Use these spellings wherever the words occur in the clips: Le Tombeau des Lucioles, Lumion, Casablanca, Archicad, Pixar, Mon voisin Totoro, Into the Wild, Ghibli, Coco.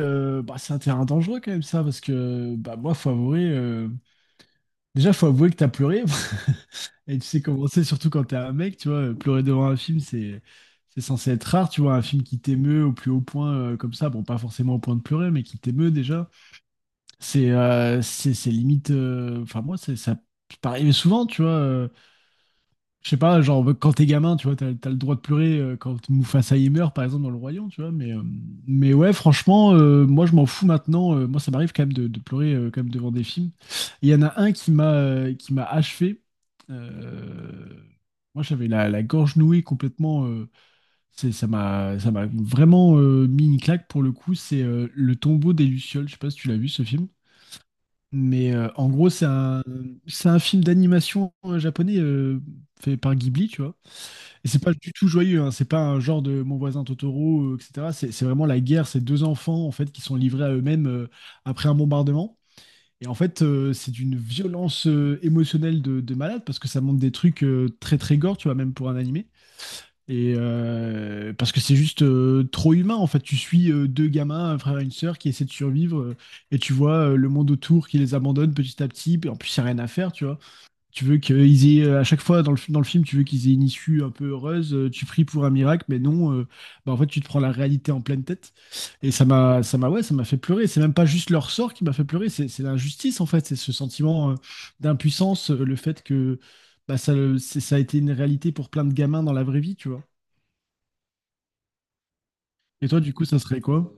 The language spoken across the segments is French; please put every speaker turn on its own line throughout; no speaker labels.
C'est un terrain dangereux quand même ça, parce que moi, faut avouer, déjà, faut avouer que t'as pleuré. Et tu sais comment c'est, surtout quand t'es un mec, tu vois, pleurer devant un film, c'est censé être rare, tu vois, un film qui t'émeut au plus haut point comme ça, bon, pas forcément au point de pleurer, mais qui t'émeut déjà, c'est limite, enfin moi, ça peut arriver souvent, tu vois, je sais pas, genre quand t'es gamin, tu vois, t'as le droit de pleurer quand Mufasa y meurt, par exemple, dans le royaume, tu vois. Mais ouais, franchement, moi je m'en fous maintenant. Moi, ça m'arrive quand même de pleurer quand même devant des films. Et il y en a un qui m'a achevé. Euh, Moi, j'avais la gorge nouée complètement. Ça m'a vraiment mis une claque pour le coup. C'est Le Tombeau des Lucioles. Je sais pas si tu l'as vu ce film. En gros, c'est un film d'animation japonais fait par Ghibli, tu vois. Et c'est pas du tout joyeux, hein. C'est pas un genre de Mon voisin Totoro, etc. C'est vraiment la guerre, ces deux enfants en fait qui sont livrés à eux-mêmes après un bombardement. Et en fait, c'est d'une violence émotionnelle de malade parce que ça montre des trucs très très gore, tu vois, même pour un animé. Et parce que c'est juste trop humain en fait. Tu suis deux gamins, un frère et une sœur qui essaient de survivre et tu vois le monde autour qui les abandonne petit à petit. Et en plus, il n'y a rien à faire, tu vois, tu veux qu'ils aient à chaque fois dans le film, tu veux qu'ils aient une issue un peu heureuse, tu pries pour un miracle, mais non, bah en fait tu te prends la réalité en pleine tête. Et ouais, ça m'a fait pleurer. C'est même pas juste leur sort qui m'a fait pleurer, c'est l'injustice en fait, c'est ce sentiment d'impuissance, le fait que bah, ça a été une réalité pour plein de gamins dans la vraie vie, tu vois. Et toi, du coup, ça serait quoi?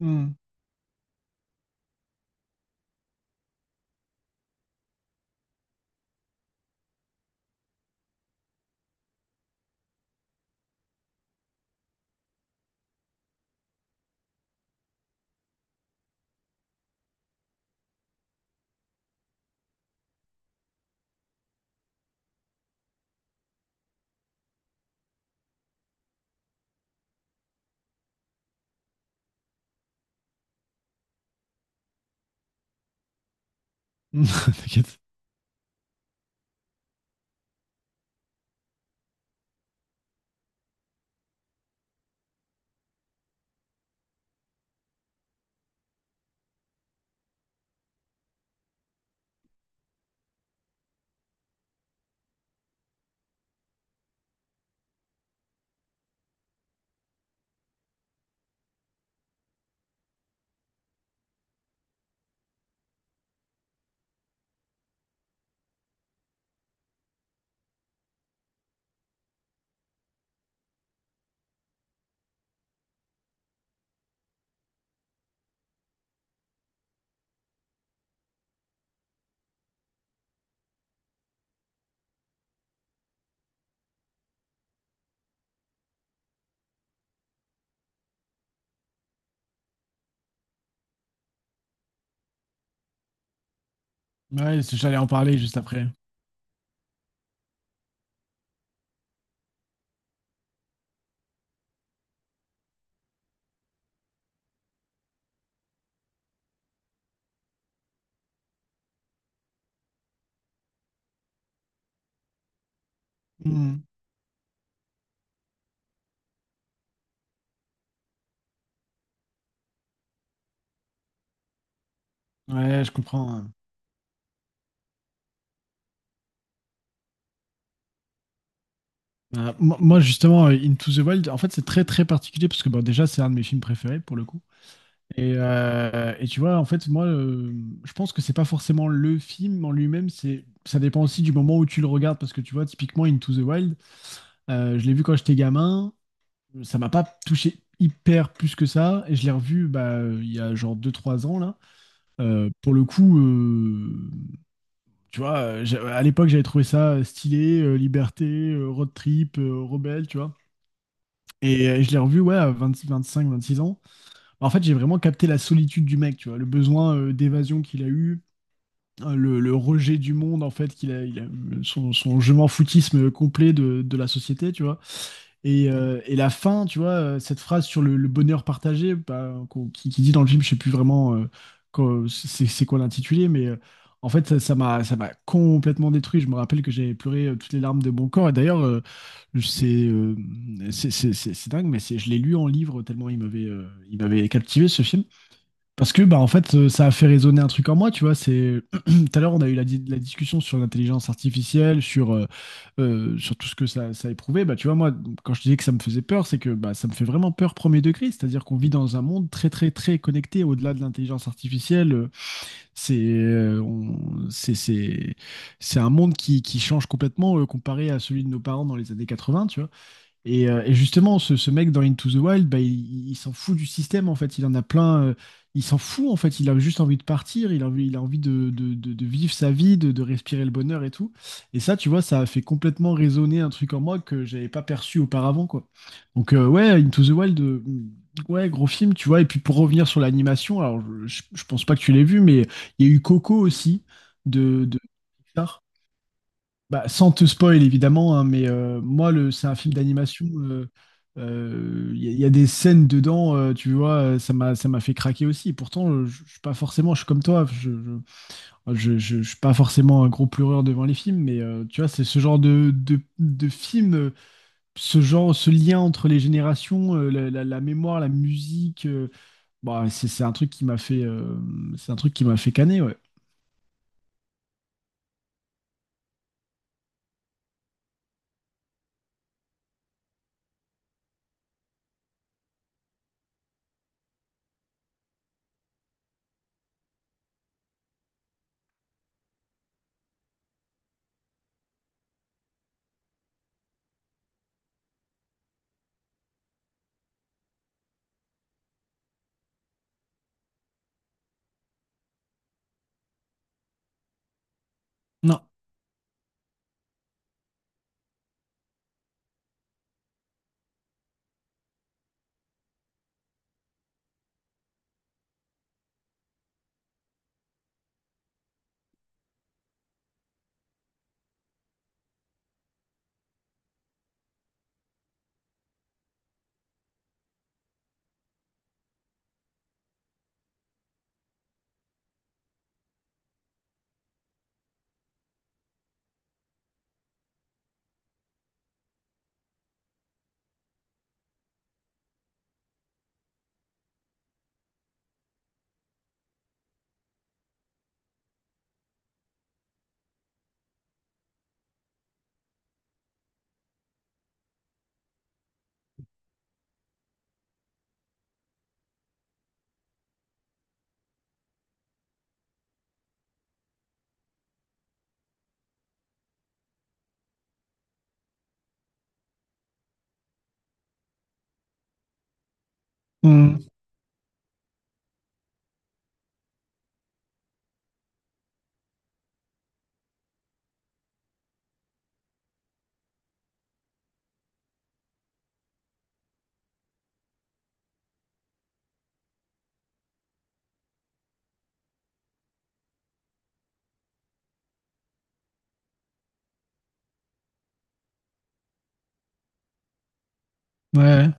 Hmm. T'inquiète. J'allais en parler juste après. Hmm. Ouais, je comprends. Moi, justement, Into the Wild, en fait, c'est très très particulier parce que bon, déjà, c'est un de mes films préférés pour le coup. Et tu vois, en fait, je pense que c'est pas forcément le film en lui-même, c'est ça dépend aussi du moment où tu le regardes parce que tu vois, typiquement, Into the Wild, je l'ai vu quand j'étais gamin, ça m'a pas touché hyper plus que ça, et je l'ai revu bah, il y a genre deux trois ans là. Pour le coup, tu vois, à l'époque j'avais trouvé ça stylé, liberté, road trip, rebelle, tu vois. Et je l'ai revu, ouais, à vingt vingt cinq vingt six ans. Bah, en fait, j'ai vraiment capté la solitude du mec, tu vois, le besoin d'évasion qu'il a eu, le rejet du monde, en fait, il a eu, son je m'en foutisme complet de la société, tu vois. Et la fin, tu vois, cette phrase sur le bonheur partagé, bah, qui dit dans le film, je sais plus vraiment c'est quoi l'intitulé, en fait, ça m'a complètement détruit. Je me rappelle que j'avais pleuré toutes les larmes de mon corps. Et d'ailleurs, c'est euh, c'est dingue, mais c'est, je l'ai lu en livre tellement il m'avait captivé ce film. Parce que, bah, en fait, ça a fait résonner un truc en moi, tu vois. C'est… Tout à l'heure, on a eu la discussion sur l'intelligence artificielle, sur tout ce que ça éprouvait. Bah, tu vois, moi, quand je disais que ça me faisait peur, c'est que bah, ça me fait vraiment peur premier degré. C'est-à-dire qu'on vit dans un monde très, très, très connecté au-delà de l'intelligence artificielle. C'est on- C'est un monde qui change complètement comparé à celui de nos parents dans les années quatre-vingts, tu vois. Et justement, ce mec dans Into the Wild, bah, il s'en fout du système en fait. Il en a plein. Il s'en fout en fait. Il a juste envie de partir. Il a envie de vivre sa vie, de respirer le bonheur et tout. Et ça, tu vois, ça a fait complètement résonner un truc en moi que j'avais pas perçu auparavant, quoi. Donc ouais, Into the Wild, ouais, gros film, tu vois. Et puis pour revenir sur l'animation, alors je pense pas que tu l'aies vu, mais il y a eu Coco aussi de Pixar. Bah, sans te spoil évidemment, hein, moi le, c'est un film d'animation. Il y a des scènes dedans, tu vois, ça m'a fait craquer aussi. Pourtant, je suis pas forcément, je suis comme toi, je suis pas forcément un gros pleureur devant les films, tu vois, c'est ce genre de, de film, ce genre, ce lien entre les générations, la mémoire, la musique, bah, c'est un truc qui m'a fait, c'est un truc qui m'a fait caner, ouais. Non. Mm. Ouais.